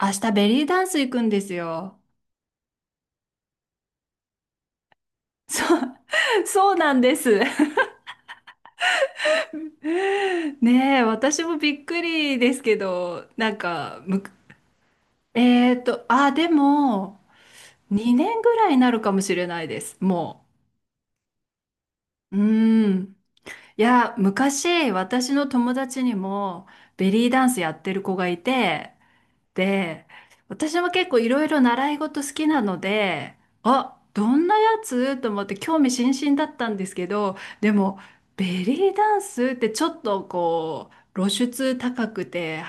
明日ベリーダンス行くんですよ。そう、そうなんです。ねえ、私もびっくりですけど、なんか、むく、えーと、あ、でも、2年ぐらいになるかもしれないです、もう。うーん。いや、昔、私の友達にも、ベリーダンスやってる子がいて、で、私も結構いろいろ習い事好きなので、あ、どんなやつと思って興味津々だったんですけど、でも、ベリーダンスってちょっとこう、露出高くて、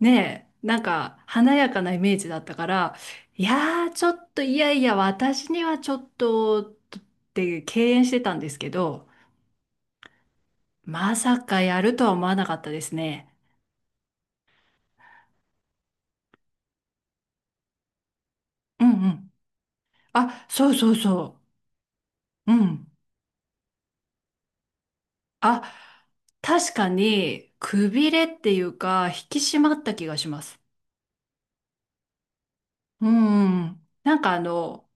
ねえ、なんか華やかなイメージだったから、いやー、ちょっといやいや、私にはちょっと、って敬遠してたんですけど、まさかやるとは思わなかったですね。うんうん。あ、そうそうそう。うん。あ、確かに、くびれっていうか、引き締まった気がします。うん。なんかあの、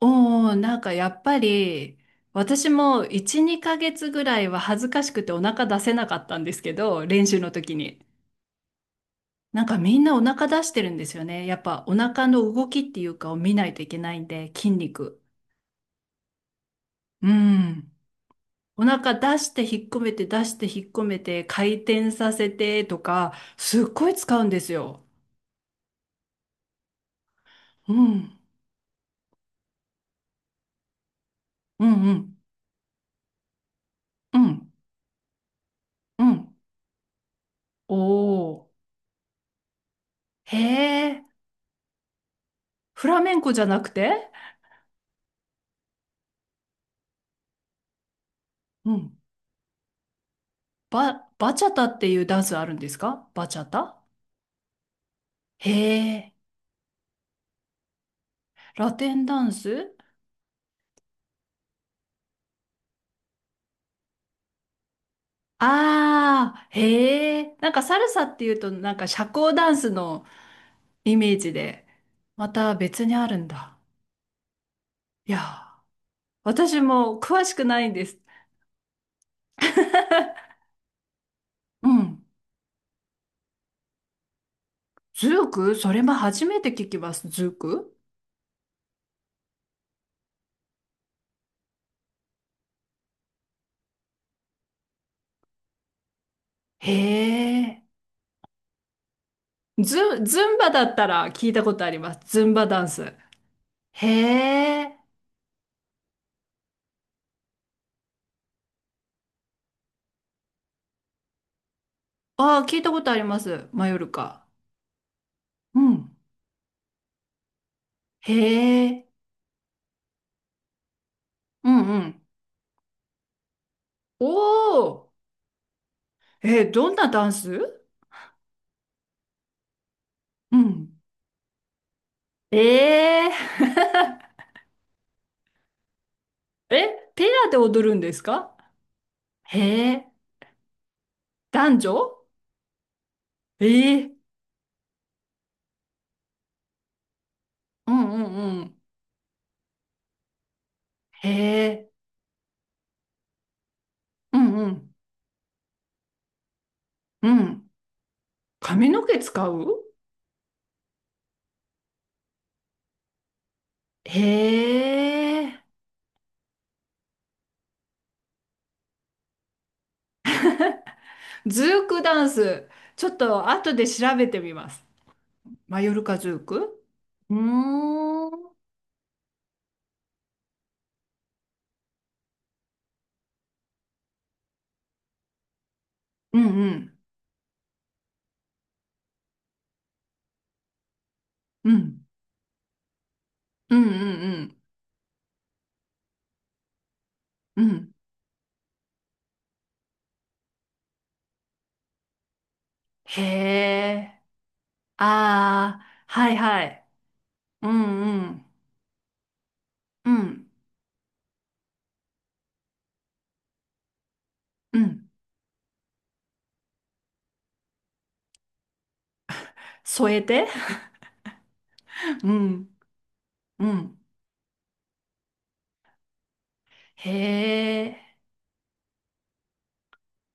なんかやっぱり、私も1、2ヶ月ぐらいは恥ずかしくてお腹出せなかったんですけど、練習の時に。なんかみんなお腹出してるんですよね。やっぱお腹の動きっていうかを見ないといけないんで、筋肉。うん。お腹出して引っ込めて出して引っ込めて回転させてとか、すっごい使うんですよ。うん。うんうんうんうん。おおー。へえ。フラメンコじゃなくて？うん。バチャタっていうダンスあるんですか？バチャタ？へえ。ラテンダンス？ああー。へえ。なんかサルサっていうとなんか社交ダンスのイメージで、また別にあるんだ？いやー、私も詳しくないんです。うん。ズーク？それも初めて聞きます。ズーク？へえ。ズンバだったら聞いたことあります。ズンバダンス。へえ。ああ、聞いたことあります。マヨルカ。うん。へえ。うんうん。おお。えー、どんなダンス？うん。ええ。え、ペアで踊るんですか？へえ。男女？ええ。うんうんうん。へえ。うんうん。うん。髪の毛使う？へえ。ズークダンス。ちょっと後で調べてみます。マヨルカズーク。うーん。うんうんうん。うん。うんうんうん。うん。へえ。ああ、はいはい。うんうん。うん。うん。添えて。 うん。うん。へえ。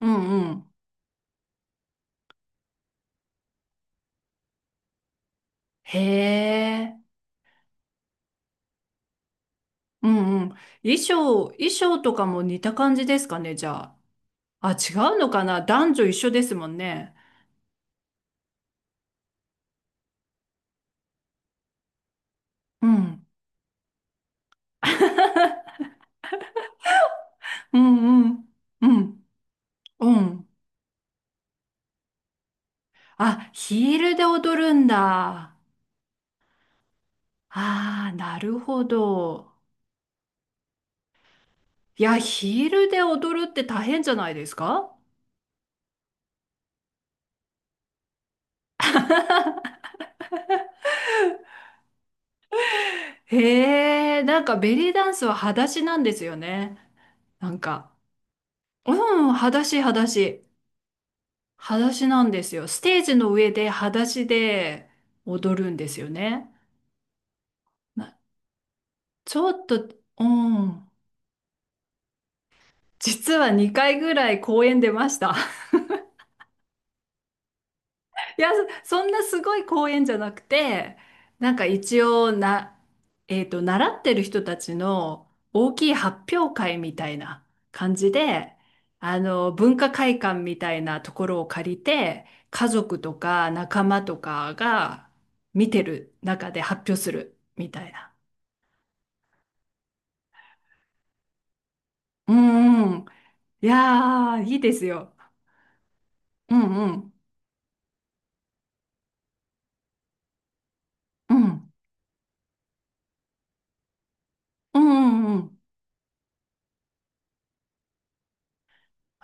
うんうん。へえ。うんうん。衣装とかも似た感じですかね、じゃあ。あ、違うのかな？男女一緒ですもんね。うん。うんうん。うん。うん。あ、ヒールで踊るんだ。ああ、なるほど。いや、ヒールで踊るって大変じゃないですか？へえ、なんかベリーダンスは裸足なんですよね。なんか。うん、裸足、裸足。裸足なんですよ。ステージの上で裸足で踊るんですよね。なちょっと、うん。実は2回ぐらい公演出ました。いや、そんなすごい公演じゃなくて、なんか一応な、習ってる人たちの大きい発表会みたいな感じで、あの、文化会館みたいなところを借りて、家族とか仲間とかが見てる中で発表するみたいな。うんうん。いやー、いいですよ。うんうん。うん。うんうんうん。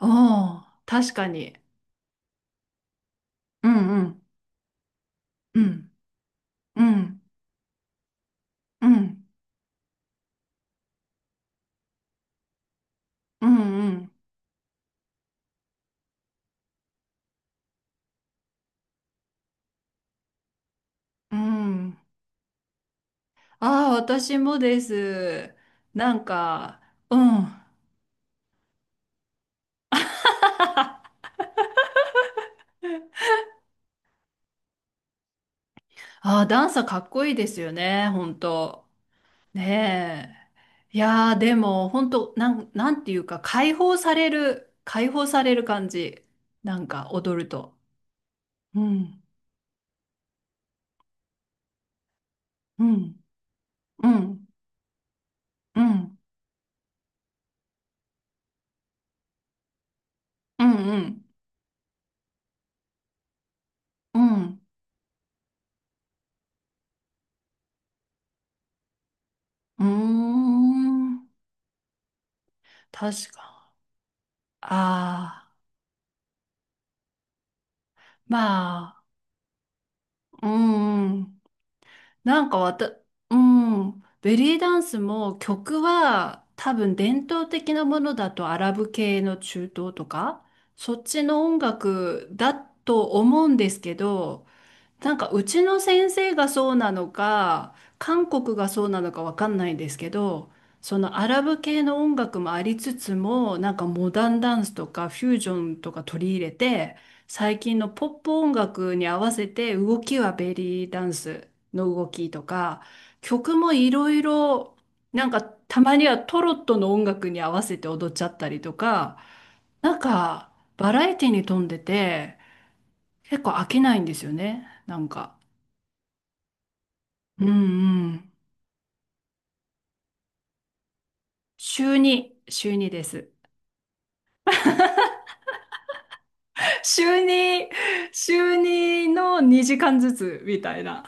おー、確かに。うんうん。うん。うん。うん。うんうん。うん。ああ、私もです。なんか、うん。ああ、ダンサーかっこいいですよね、本当。ねえ。いやー、でも、本当なん、なんていうか、解放される、解放される感じ。なんか、踊ると。うん、うん、うん、うん、うん、うん、うん。うーん。確か。ああ、まあ、うん、うん。なんかわた、うん、ベリーダンスも曲は多分伝統的なものだとアラブ系の中東とか、そっちの音楽だと思うんですけど、なんかうちの先生がそうなのか、韓国がそうなのかわかんないんですけど、そのアラブ系の音楽もありつつも、なんかモダンダンスとかフュージョンとか取り入れて、最近のポップ音楽に合わせて動きはベリーダンスの動きとか、曲もいろいろ、なんかたまにはトロットの音楽に合わせて踊っちゃったりとか、なんかバラエティに富んでて結構飽きないんですよね、なんか。うんうん。週2、週2です。週に、週にの2時間ずつみたいな。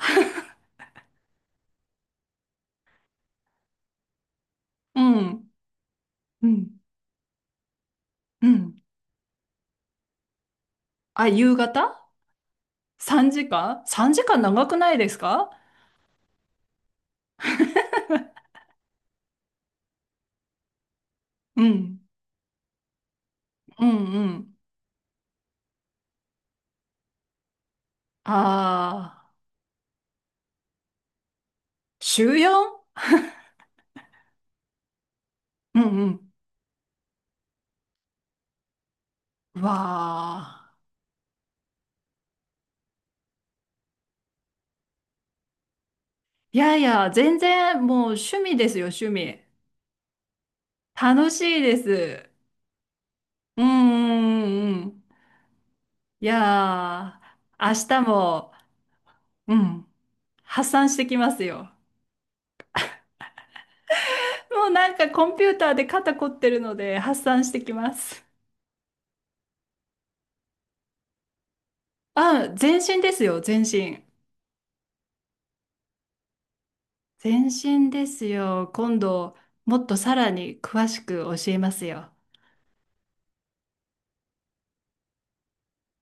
うん、うん、うん。あ、夕方？ 3 時間？ 3 時間長くないですか？うん、うん、うん。ああ、週 4？ うん、うん。うわあ。いやいや、全然もう趣味ですよ、趣味。楽しいです。うん、うん、うん。うん。いやー、明日も、うん。発散してきますよ。もうなんかコンピューターで肩凝ってるので発散してきます。あ、全身ですよ、全身。全身ですよ。今度、もっとさらに詳しく教えますよ。